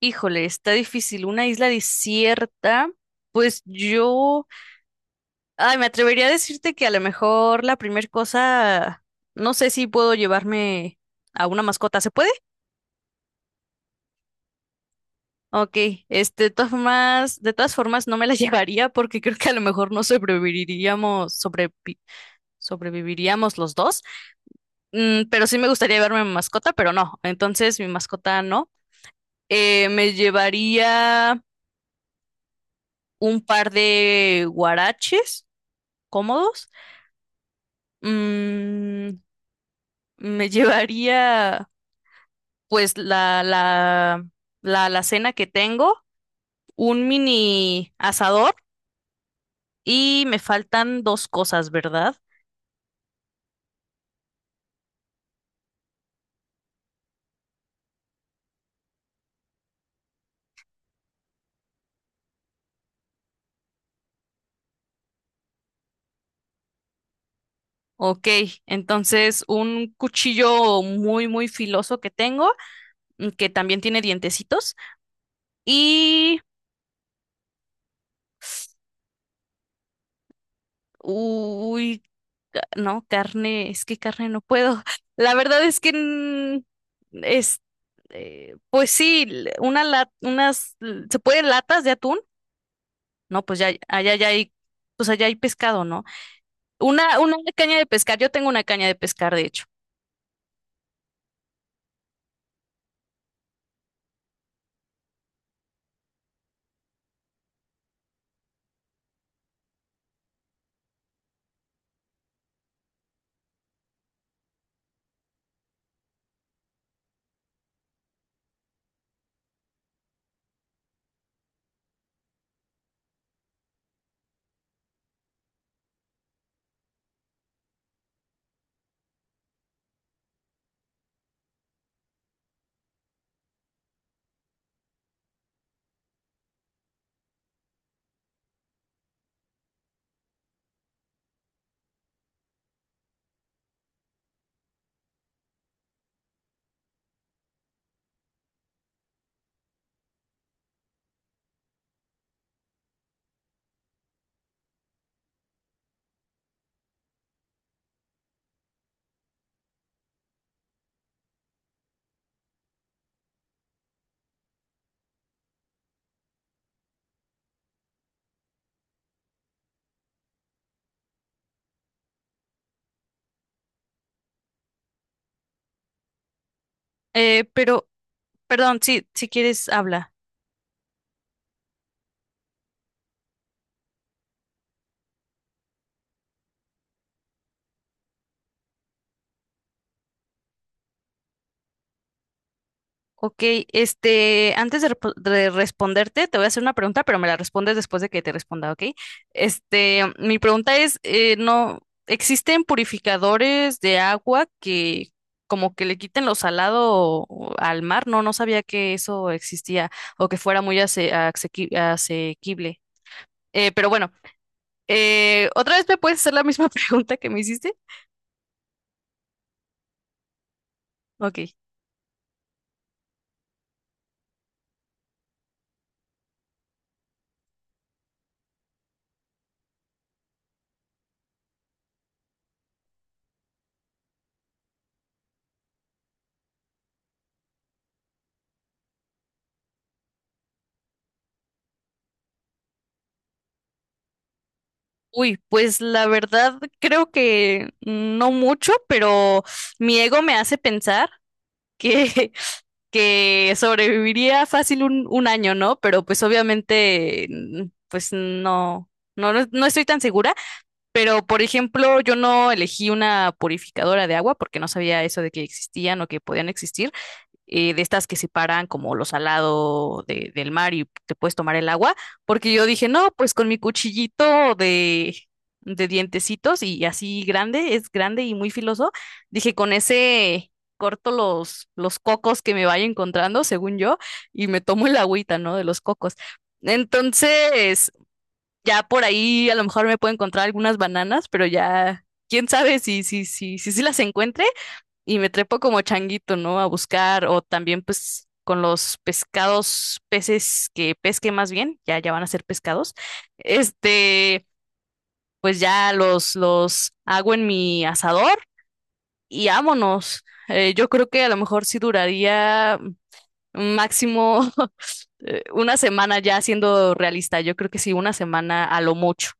Híjole, está difícil. Una isla desierta, pues yo, ay, me atrevería a decirte que a lo mejor la primera cosa, no sé si puedo llevarme a una mascota. ¿Se puede? Ok, este, de todas formas no me la llevaría porque creo que a lo mejor no sobreviviríamos, sobreviviríamos los dos. Pero sí me gustaría llevarme mi mascota, pero no. Entonces mi mascota no. Me llevaría un par de guaraches cómodos. Mm, Me llevaría pues la alacena que tengo, un mini asador y me faltan dos cosas, ¿verdad? Ok, entonces un cuchillo muy, muy filoso que tengo, que también tiene dientecitos y, uy, no, carne, es que carne no puedo. La verdad es que es, pues sí, l- una la- unas, l- ¿se pueden latas de atún? No, pues ya, pues allá hay pescado, ¿no? Una caña de pescar, yo tengo una caña de pescar, de hecho. Eh, pero, Perdón, sí, si quieres, habla. Ok, este, antes de responderte, te voy a hacer una pregunta, pero me la respondes después de que te responda, ¿ok? Este, mi pregunta es, no, ¿existen purificadores de agua que como que le quiten lo salado al mar? No, no sabía que eso existía o que fuera muy asequible. Pero bueno, ¿otra vez me puedes hacer la misma pregunta que me hiciste? Ok. Uy, pues la verdad creo que no mucho, pero mi ego me hace pensar que, que sobreviviría fácil un año, ¿no? Pero pues obviamente, pues no, no, no no estoy tan segura. Pero por ejemplo, yo no elegí una purificadora de agua porque no sabía eso de que existían o que podían existir de estas que separan como lo salado del mar y te puedes tomar el agua, porque yo dije, no, pues con mi cuchillito de dientecitos y así grande, es grande y muy filoso, dije, con ese corto los cocos que me vaya encontrando, según yo, y me tomo el agüita, ¿no? De los cocos. Entonces, ya por ahí a lo mejor me puedo encontrar algunas bananas, pero ya, quién sabe si las encuentre y me trepo como changuito, ¿no? A buscar o también pues con los pescados, peces que pesque más bien, ya van a ser pescados. Este, pues ya los hago en mi asador y vámonos. Yo creo que a lo mejor sí duraría máximo 1 semana ya siendo realista. Yo creo que sí, 1 semana a lo mucho.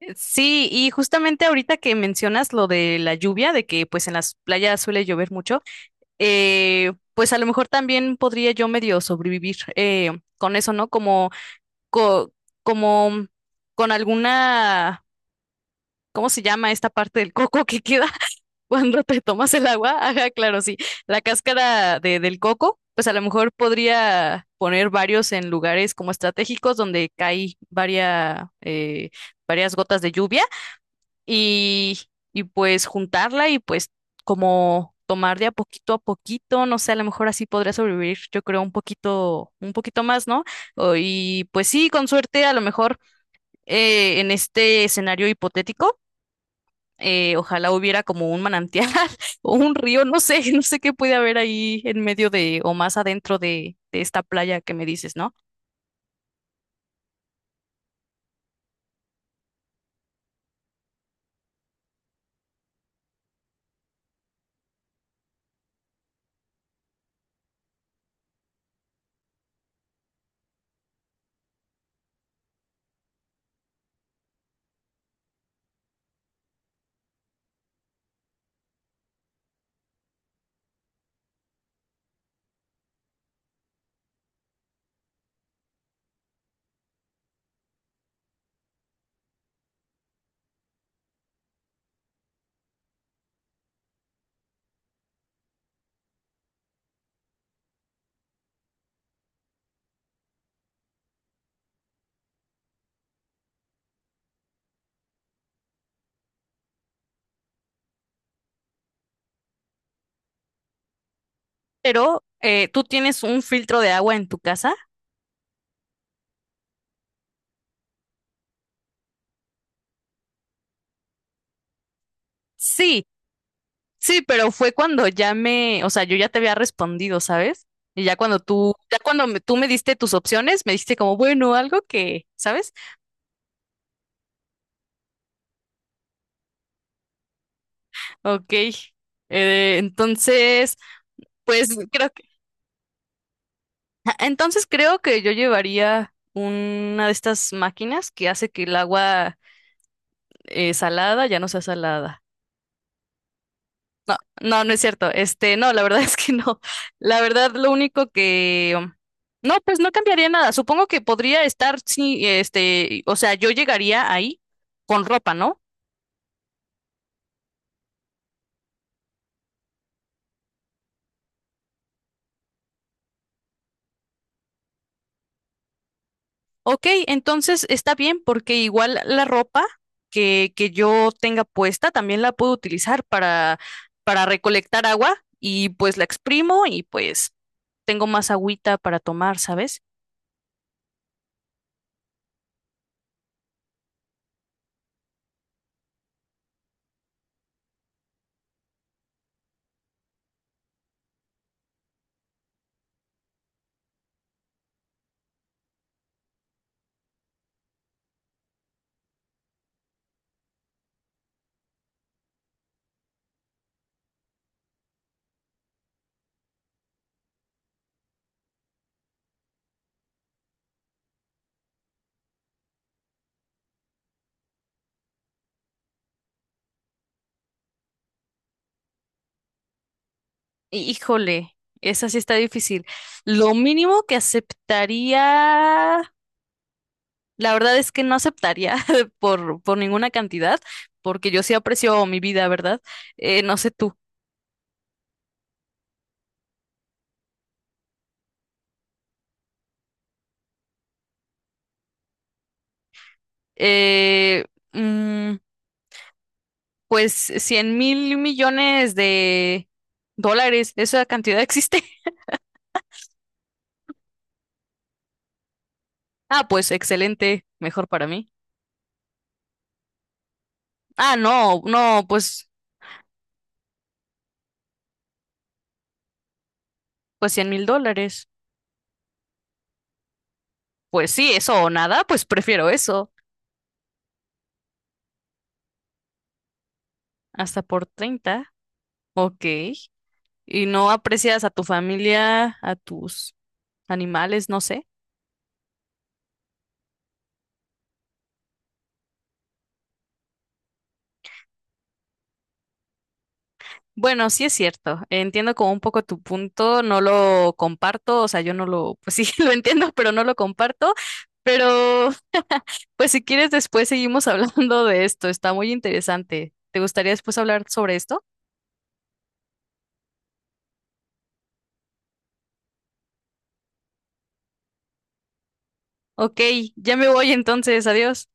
Sí, y justamente ahorita que mencionas lo de la lluvia, de que pues en las playas suele llover mucho, pues a lo mejor también podría yo medio sobrevivir con eso, ¿no? Co- como con alguna, ¿cómo se llama esta parte del coco que queda cuando te tomas el agua? Ajá, claro, sí. La cáscara del coco, pues a lo mejor podría poner varios en lugares como estratégicos donde cae varias gotas de lluvia y, y, pues juntarla y pues como tomar de a poquito, no sé, a lo mejor así podría sobrevivir, yo creo, un poquito más, ¿no? Y pues sí, con suerte, a lo mejor en este escenario hipotético, ojalá hubiera como un manantial o un río, no sé, no sé qué puede haber ahí en medio de o más adentro de esta playa que me dices, ¿no? Pero ¿tú tienes un filtro de agua en tu casa? Sí. Sí, pero fue cuando ya me, o sea, yo ya te había respondido, ¿sabes? Y ya cuando tú me diste tus opciones, me diste como, bueno, algo que, ¿sabes? Ok. Entonces, pues creo que, entonces creo que yo llevaría una de estas máquinas que hace que el agua salada ya no sea salada. No, no, no es cierto. Este, no, la verdad es que no. La verdad, lo único que... um, no, pues no cambiaría nada. Supongo que podría estar, sí, este, o sea, yo llegaría ahí con ropa, ¿no? Ok, entonces está bien porque igual la ropa que yo tenga puesta también la puedo utilizar para recolectar agua y pues la exprimo y pues tengo más agüita para tomar, ¿sabes? Híjole, esa sí está difícil. Lo mínimo que aceptaría, la verdad es que no aceptaría por ninguna cantidad, porque yo sí aprecio mi vida, ¿verdad? No sé tú. Eh, mm, pues $100,000,000,000, ¿esa cantidad existe? Ah, pues excelente, mejor para mí. Ah, no, no, pues, $100,000. Pues sí, eso o nada, pues prefiero eso. Hasta por 30. Ok. Y no aprecias a tu familia, a tus animales, no sé. Bueno, sí es cierto, entiendo como un poco tu punto, no lo comparto, o sea, yo no lo, pues sí, lo entiendo, pero no lo comparto, pero pues si quieres después seguimos hablando de esto, está muy interesante. ¿Te gustaría después hablar sobre esto? Ok, ya me voy entonces, adiós.